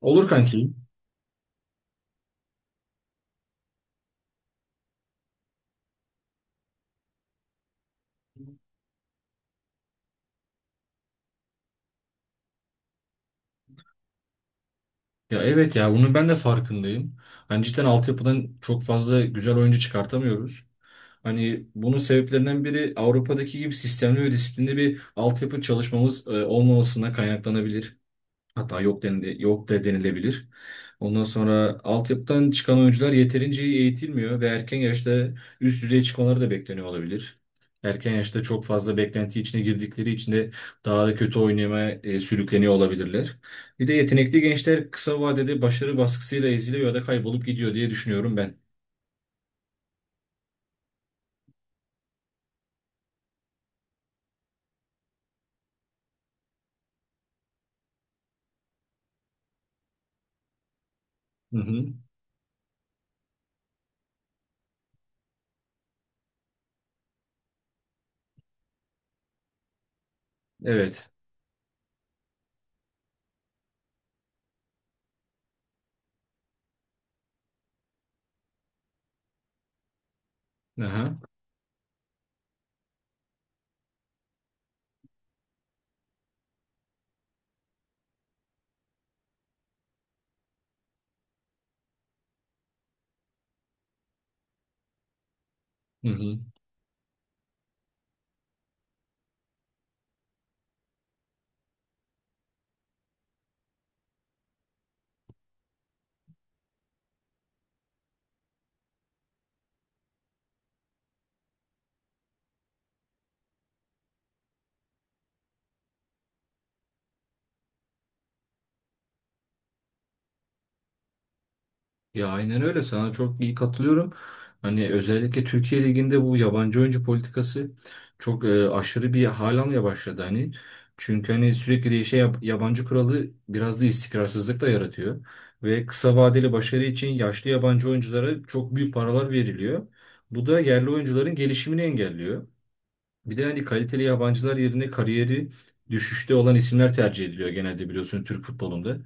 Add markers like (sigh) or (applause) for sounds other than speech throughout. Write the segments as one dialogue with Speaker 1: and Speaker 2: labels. Speaker 1: Olur kanki. Ya evet ya bunun ben de farkındayım. Hani cidden altyapıdan çok fazla güzel oyuncu çıkartamıyoruz. Hani bunun sebeplerinden biri Avrupa'daki gibi sistemli ve disiplinli bir altyapı çalışmamız olmamasına kaynaklanabilir. Hatta yok da denilebilir. Ondan sonra altyapıdan çıkan oyuncular yeterince iyi eğitilmiyor ve erken yaşta üst düzey çıkmaları da bekleniyor olabilir. Erken yaşta çok fazla beklenti içine girdikleri için de daha da kötü oynamaya sürükleniyor olabilirler. Bir de yetenekli gençler kısa vadede başarı baskısıyla eziliyor ya da kaybolup gidiyor diye düşünüyorum ben. Hı hı. Evet. Aha. Hı hı. Ya aynen öyle, sana çok iyi katılıyorum. Hani özellikle Türkiye Ligi'nde bu yabancı oyuncu politikası çok aşırı bir hal almaya başladı hani. Çünkü hani sürekli değişen yabancı kuralı biraz da istikrarsızlık da yaratıyor. Ve kısa vadeli başarı için yaşlı yabancı oyunculara çok büyük paralar veriliyor. Bu da yerli oyuncuların gelişimini engelliyor. Bir de hani kaliteli yabancılar yerine kariyeri düşüşte olan isimler tercih ediliyor genelde, biliyorsun, Türk futbolunda.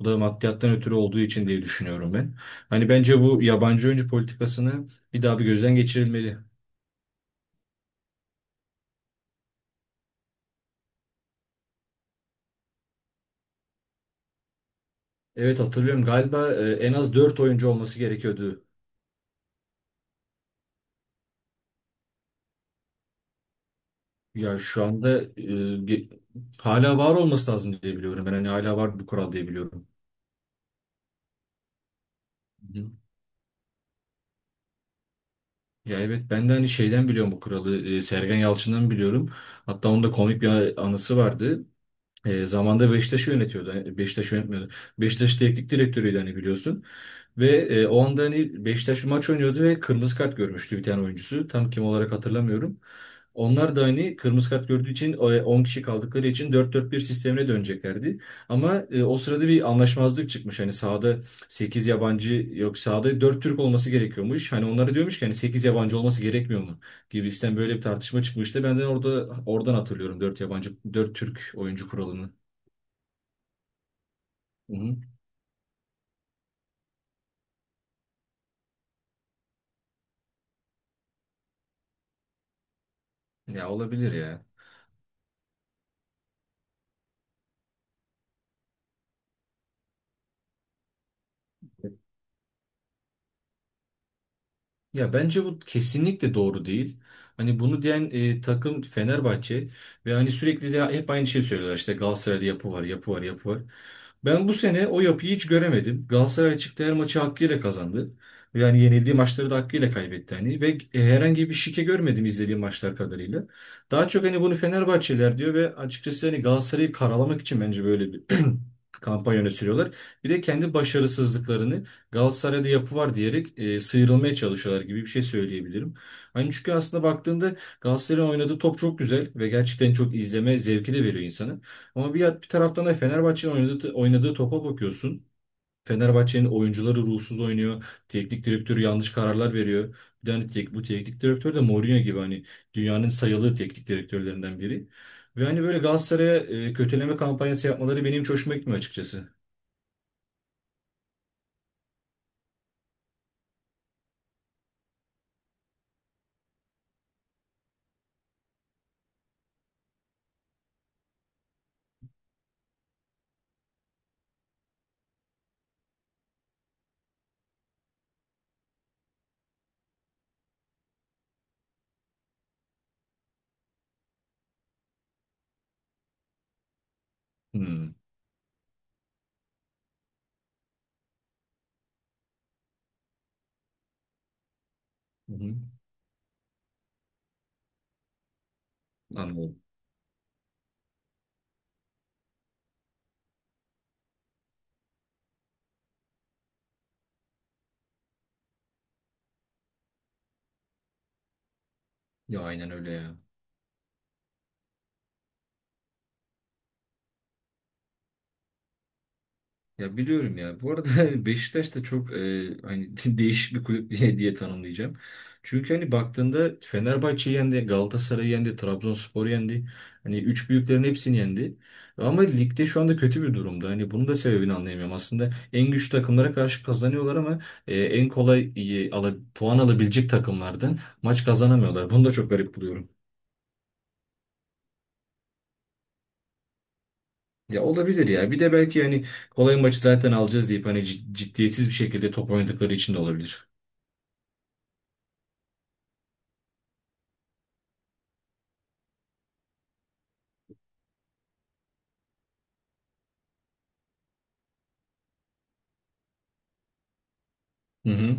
Speaker 1: Bu da maddiyattan ötürü olduğu için diye düşünüyorum ben. Hani bence bu yabancı oyuncu politikasını bir daha bir gözden geçirilmeli. Evet, hatırlıyorum galiba, en az 4 oyuncu olması gerekiyordu. Ya şu anda ge- hala var olması lazım diye biliyorum. Ben hani hala var bu kural diye biliyorum. Hı. Ya evet, ben de hani şeyden biliyorum bu kuralı. Sergen Yalçın'dan biliyorum. Hatta onda komik bir anısı vardı. Zamanda Beşiktaş'ı yönetiyordu. Hani Beşiktaş yönetmiyordu. Beşiktaş teknik direktörüydü hani, biliyorsun. Ve o anda hani Beşiktaş bir maç oynuyordu ve kırmızı kart görmüştü bir tane oyuncusu. Tam kim olarak hatırlamıyorum. Onlar da hani kırmızı kart gördüğü için 10 kişi kaldıkları için dört dört bir sistemine döneceklerdi. Ama o sırada bir anlaşmazlık çıkmış. Hani sahada 8 yabancı yok, sahada 4 Türk olması gerekiyormuş. Hani onlara diyormuş ki hani 8 yabancı olması gerekmiyor mu? Gibisinden böyle bir tartışma çıkmıştı. Ben de orada oradan hatırlıyorum dört yabancı dört Türk oyuncu kuralını. Hı hı. Ya olabilir ya. Ya bence bu kesinlikle doğru değil. Hani bunu diyen takım Fenerbahçe ve hani sürekli de hep aynı şeyi söylüyorlar. İşte Galatasaray'da yapı var, yapı var, yapı var. Ben bu sene o yapıyı hiç göremedim. Galatasaray çıktı, her maçı hakkıyla kazandı. Yani yenildiği maçları da hakkıyla kaybetti hani ve herhangi bir şike görmedim izlediğim maçlar kadarıyla. Daha çok hani bunu Fenerbahçeliler diyor ve açıkçası hani Galatasaray'ı karalamak için bence böyle bir (clears throat) kampanya öne sürüyorlar. Bir de kendi başarısızlıklarını Galatasaray'da yapı var diyerek sıyrılmaya çalışıyorlar gibi bir şey söyleyebilirim. Hani çünkü aslında baktığında Galatasaray'ın oynadığı top çok güzel ve gerçekten çok izleme zevki de veriyor insana. Ama bir taraftan da Fenerbahçe'nin oynadığı topa bakıyorsun. Fenerbahçe'nin oyuncuları ruhsuz oynuyor. Teknik direktörü yanlış kararlar veriyor. Bu teknik direktör de Mourinho gibi hani dünyanın sayılı teknik direktörlerinden biri. Ve hani böyle Galatasaray'a kötüleme kampanyası yapmaları benim hiç hoşuma gitmiyor açıkçası. Hmm. Hı hı. Anladım. Ya aynen öyle ya. Ya biliyorum ya. Bu arada (laughs) Beşiktaş da çok hani (laughs) değişik bir kulüp diye diye tanımlayacağım. Çünkü hani baktığında Fenerbahçe yendi, Galatasaray yendi, Trabzonspor yendi. Hani üç büyüklerin hepsini yendi. Ama ligde şu anda kötü bir durumda. Hani bunun da sebebini anlayamıyorum. Aslında en güçlü takımlara karşı kazanıyorlar ama en kolay puan alabilecek takımlardan maç kazanamıyorlar. Bunu da çok garip buluyorum. Ya olabilir ya. Bir de belki hani kolay maçı zaten alacağız deyip hani ciddiyetsiz bir şekilde top oynadıkları için de olabilir. Hı hı.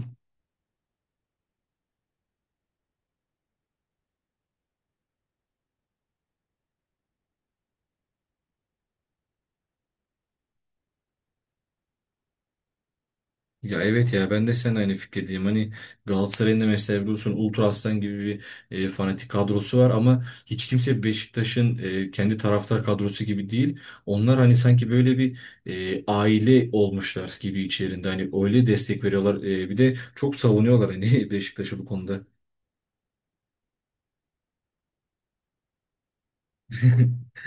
Speaker 1: Ya evet ya, ben de sen aynı fikirdeyim. Hani Galatasaray'ın da mesela biliyorsun Ultra Aslan gibi bir fanatik kadrosu var ama hiç kimse Beşiktaş'ın kendi taraftar kadrosu gibi değil. Onlar hani sanki böyle bir aile olmuşlar gibi içerisinde. Hani öyle destek veriyorlar. Bir de çok savunuyorlar hani (laughs) Beşiktaş'ı bu konuda. (laughs)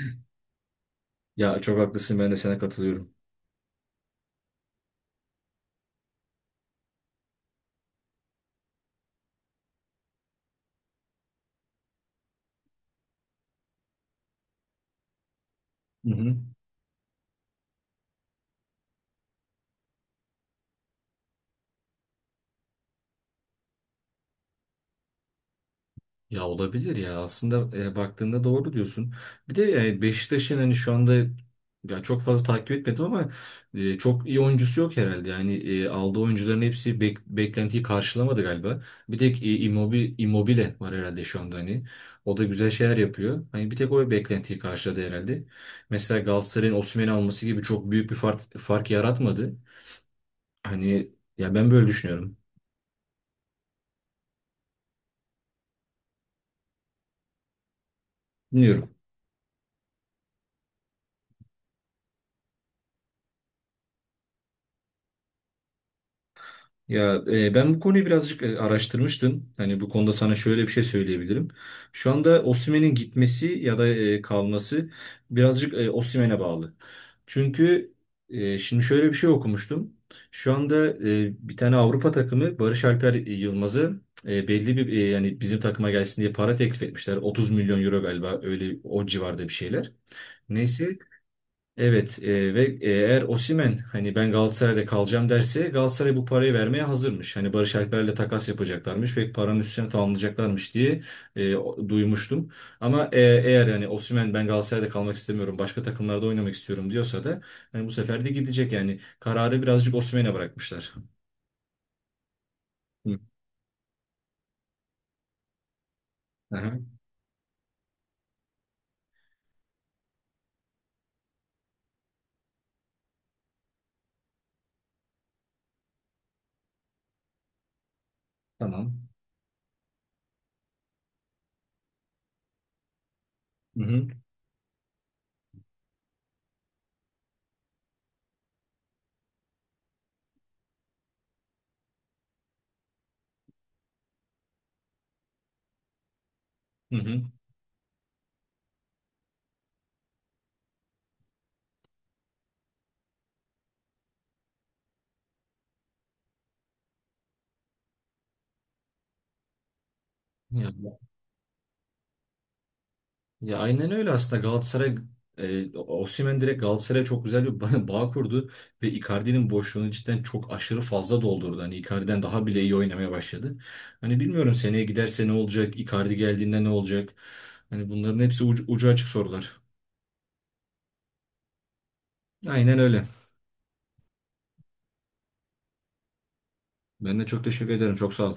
Speaker 1: Ya çok haklısın, ben de sana katılıyorum. Hı hı. Ya olabilir ya, aslında baktığında doğru diyorsun. Bir de yani Beşiktaş'ın hani şu anda ya çok fazla takip etmedim ama çok iyi oyuncusu yok herhalde. Yani aldığı oyuncuların hepsi beklentiyi karşılamadı galiba. Bir tek Immobile var herhalde şu anda hani. O da güzel şeyler yapıyor. Hani bir tek o beklentiyi karşıladı herhalde. Mesela Galatasaray'ın Osimhen'i alması gibi çok büyük bir fark yaratmadı. Hani ya ben böyle düşünüyorum. Bilmiyorum. Ya ben bu konuyu birazcık araştırmıştım. Hani bu konuda sana şöyle bir şey söyleyebilirim. Şu anda Osimhen'in gitmesi ya da kalması birazcık Osimhen'e bağlı. Çünkü şimdi şöyle bir şey okumuştum. Şu anda bir tane Avrupa takımı Barış Alper Yılmaz'ı belli bir yani bizim takıma gelsin diye para teklif etmişler. 30 milyon euro galiba, öyle o civarda bir şeyler. Neyse. Evet, ve eğer Osimhen hani ben Galatasaray'da kalacağım derse, Galatasaray bu parayı vermeye hazırmış. Hani Barış Alper'le takas yapacaklarmış ve paranın üstüne tamamlayacaklarmış diye duymuştum. Ama eğer hani Osimhen ben Galatasaray'da kalmak istemiyorum başka takımlarda oynamak istiyorum diyorsa da hani bu sefer de gidecek yani, kararı birazcık Osimhen'e bırakmışlar. Hı. Aha, tamam. Hı hı. Hı hı. Ya. Ya aynen öyle, aslında Galatasaray Osimhen direkt Galatasaray'a çok güzel bir (laughs) bağ kurdu ve Icardi'nin boşluğunu cidden çok aşırı fazla doldurdu. Hani Icardi'den daha bile iyi oynamaya başladı. Hani bilmiyorum, seneye giderse ne olacak? Icardi geldiğinde ne olacak? Hani bunların hepsi ucu açık sorular. Aynen öyle. Ben de çok teşekkür ederim. Çok sağ ol.